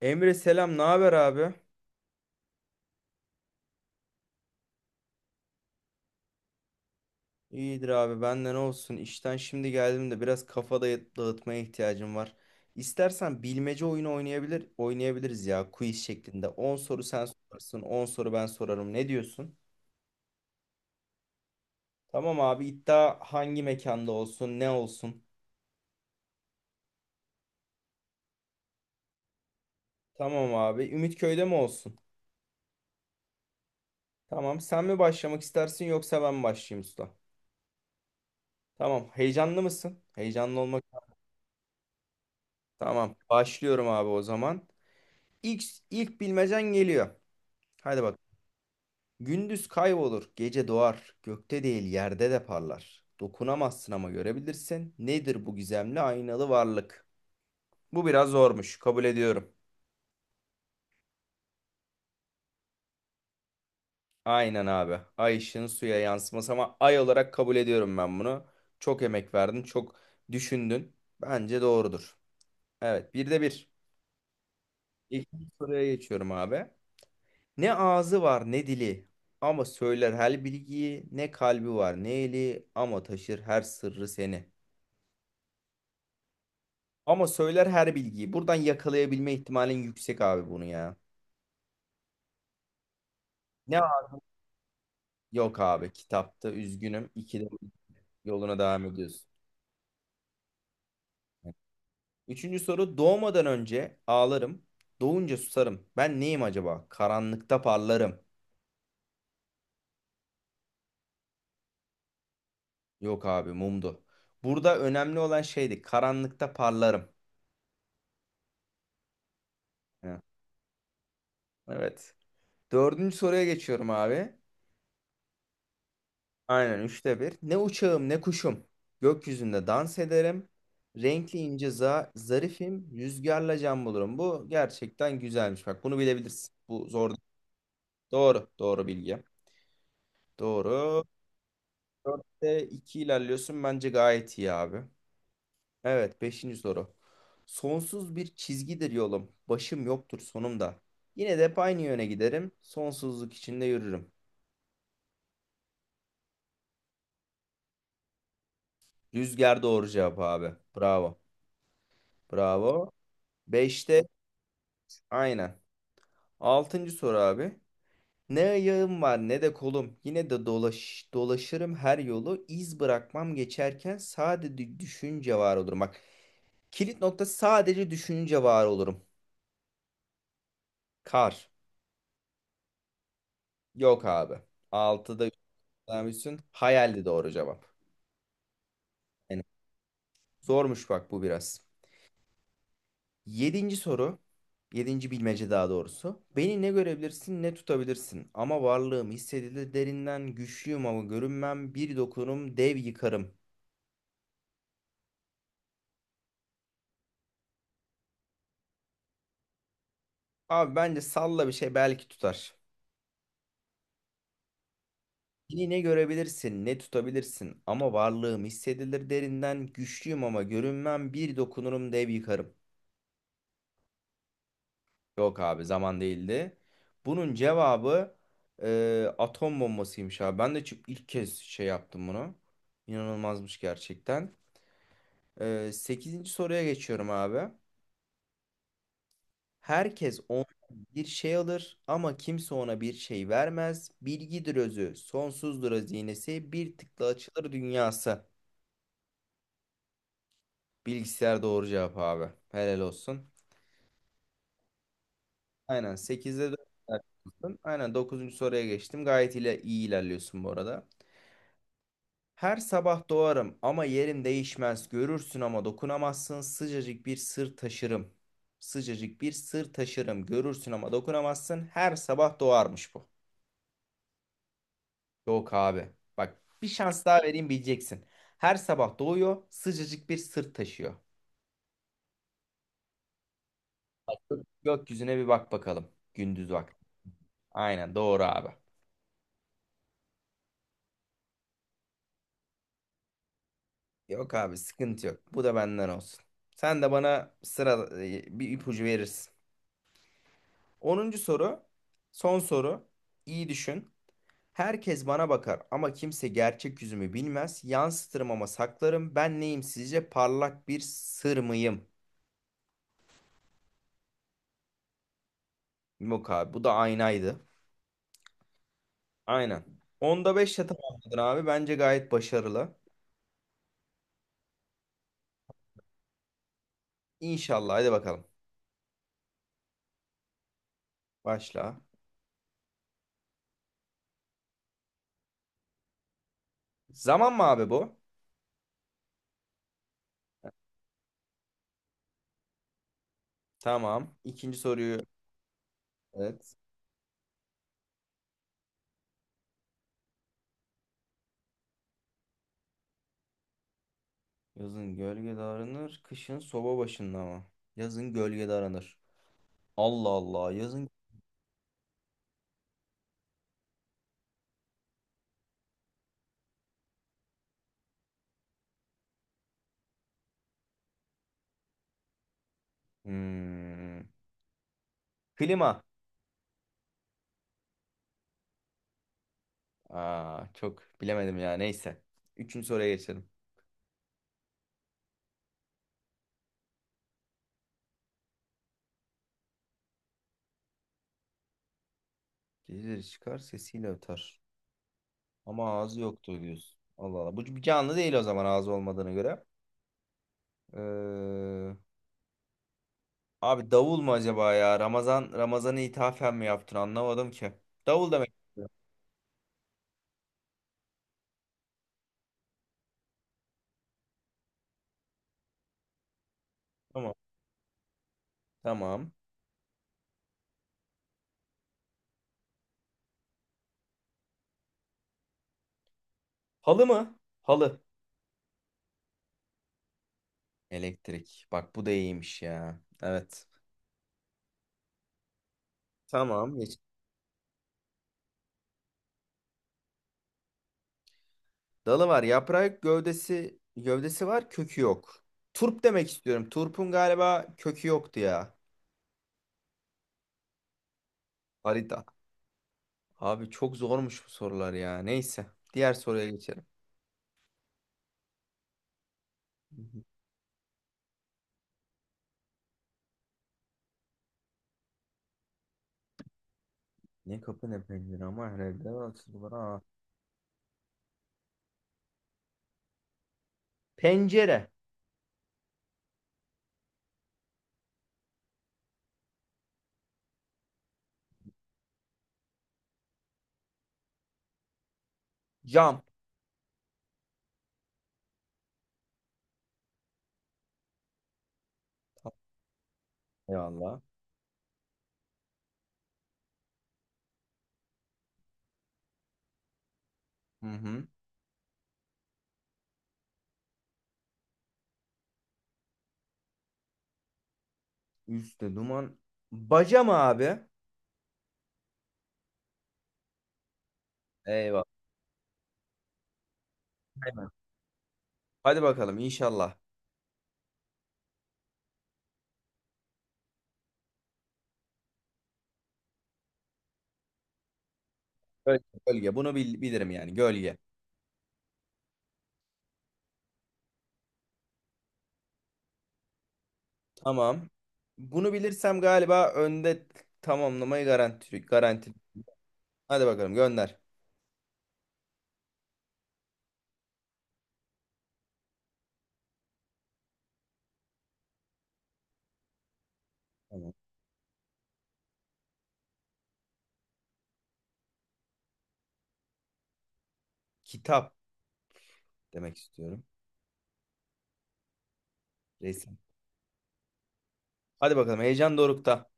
Emre selam, ne haber abi? İyidir abi, benden olsun. İşten şimdi geldim de biraz kafa dağıtmaya ihtiyacım var. İstersen bilmece oyunu oynayabiliriz ya quiz şeklinde. On soru sen sorarsın, 10 soru ben sorarım. Ne diyorsun? Tamam abi, iddia hangi mekanda olsun, ne olsun? Tamam abi, Ümitköy'de mi olsun? Tamam, sen mi başlamak istersin yoksa ben mi başlayayım usta? Tamam, heyecanlı mısın? Heyecanlı olmak. Tamam, başlıyorum abi o zaman. İlk, ilk bilmecen geliyor. Hadi bakalım. Gündüz kaybolur, gece doğar, gökte değil yerde de parlar. Dokunamazsın ama görebilirsin. Nedir bu gizemli aynalı varlık? Bu biraz zormuş, kabul ediyorum. Aynen abi. Ay ışığın suya yansıması ama ay olarak kabul ediyorum ben bunu. Çok emek verdin, çok düşündün. Bence doğrudur. Evet, bir de bir. İkinci soruya geçiyorum abi. Ne ağzı var ne dili ama söyler her bilgiyi, ne kalbi var ne eli ama taşır her sırrı seni. Ama söyler her bilgiyi. Buradan yakalayabilme ihtimalin yüksek abi bunu ya. Ne abi? Yok abi kitapta üzgünüm. İkide yoluna devam ediyorsun. Üçüncü soru doğmadan önce ağlarım. Doğunca susarım. Ben neyim acaba? Karanlıkta parlarım. Yok abi mumdu. Burada önemli olan şeydi. Karanlıkta parlarım. Heh, evet. Dördüncü soruya geçiyorum abi. Aynen üçte bir. Ne uçağım ne kuşum. Gökyüzünde dans ederim. Renkli ince zarifim. Rüzgarla can bulurum. Bu gerçekten güzelmiş. Bak bunu bilebilirsin. Bu zor değil. Doğru. Doğru bilgi. Doğru. Dörtte iki ilerliyorsun. Bence gayet iyi abi. Evet. Beşinci soru. Sonsuz bir çizgidir yolum. Başım yoktur sonumda. Yine de hep aynı yöne giderim. Sonsuzluk içinde yürürüm. Rüzgar doğru cevap abi. Bravo. Bravo. Beşte aynen. Altıncı soru abi. Ne ayağım var ne de kolum. Yine de dolaşırım her yolu. İz bırakmam geçerken, sadece düşünce var olurum. Bak, kilit nokta sadece düşünce var olurum. Kar. Yok abi. Altıda yüklenmişsin. Hayaldi doğru cevap. Yani zormuş bak bu biraz. Yedinci soru. Yedinci bilmece daha doğrusu. Beni ne görebilirsin ne tutabilirsin. Ama varlığım hissedilir derinden. Güçlüyüm ama görünmem. Bir dokunurum dev yıkarım. Abi bence salla bir şey belki tutar. Yine ne görebilirsin, ne tutabilirsin ama varlığım hissedilir derinden, güçlüyüm ama görünmem, bir dokunurum dev yıkarım. Yok abi zaman değildi. Bunun cevabı atom bombasıymış abi. Ben de ilk kez şey yaptım bunu. İnanılmazmış gerçekten. 8. soruya geçiyorum abi. Herkes ondan bir şey alır ama kimse ona bir şey vermez. Bilgidir özü, sonsuzdur hazinesi, bir tıkla açılır dünyası. Bilgisayar doğru cevap abi. Helal olsun. Aynen, sekizde 4. Aynen, dokuzuncu soruya geçtim. Gayet ile iyi ilerliyorsun bu arada. Her sabah doğarım ama yerim değişmez. Görürsün ama dokunamazsın. Sıcacık bir sır taşırım. Sıcacık bir sır taşırım. Görürsün ama dokunamazsın. Her sabah doğarmış bu. Yok abi. Bak, bir şans daha vereyim, bileceksin. Her sabah doğuyor, sıcacık bir sırt taşıyor. Gökyüzüne bir bak bakalım. Gündüz vakti. Aynen doğru abi. Yok abi sıkıntı yok. Bu da benden olsun. Sen de bana sıra bir ipucu verirsin. Onuncu soru. Son soru. İyi düşün. Herkes bana bakar ama kimse gerçek yüzümü bilmez. Yansıtırım ama saklarım. Ben neyim sizce? Parlak bir sır mıyım? Yok abi, bu da aynaydı. Aynen. Onda 5'le tamamladın abi. Bence gayet başarılı. İnşallah. Hadi bakalım. Başla. Zaman mı abi bu? Tamam. İkinci soruyu. Evet. Yazın gölgede aranır. Kışın soba başında mı? Yazın gölgede aranır. Allah Allah. Yazın... Hmm. Klima. Aa, çok bilemedim ya. Neyse. Üçüncü soruya geçelim. Geceleri çıkar sesiyle öter. Ama ağzı yoktu diyorsun. Allah Allah. Bu bir canlı değil o zaman, ağzı olmadığına göre. Ee, Abi davul mu acaba ya? Ramazan'ı ithafen mi yaptın? Anlamadım ki. Davul demek istiyorum. Tamam. Tamam. Halı mı? Halı. Elektrik. Bak bu da iyiymiş ya. Evet. Tamam. Geç. Dalı var. Yaprağı yok, gövdesi var. Kökü yok. Turp demek istiyorum. Turp'un galiba kökü yoktu ya. Harita. Abi çok zormuş bu sorular ya. Neyse. Diğer soruya geçelim. Hı hı. Ne kapı ne pencere ama herhalde açıldı bana. Pencere. Cam. Eyvallah. Hı hı. Üste duman. Baca mı abi? Eyvah. Aynen. Hadi bakalım inşallah. Böyle. Gölge. Bunu bilirim yani gölge. Tamam. Bunu bilirsem galiba önde tamamlamayı garanti garanti. Hadi bakalım gönder. Tamam. Kitap demek istiyorum. Resim. Hadi bakalım, heyecan dorukta.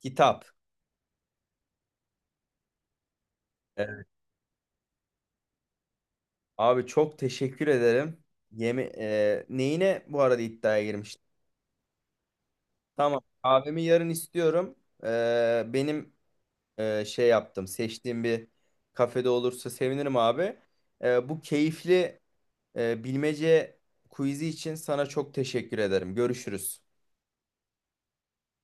Kitap. Evet. Abi çok teşekkür ederim. Yemi neyine bu arada iddiaya girmiştim. Tamam. Abimi yarın istiyorum. Benim şey yaptım. Seçtiğim bir kafede olursa sevinirim abi. Bu keyifli bilmece quiz'i için sana çok teşekkür ederim. Görüşürüz.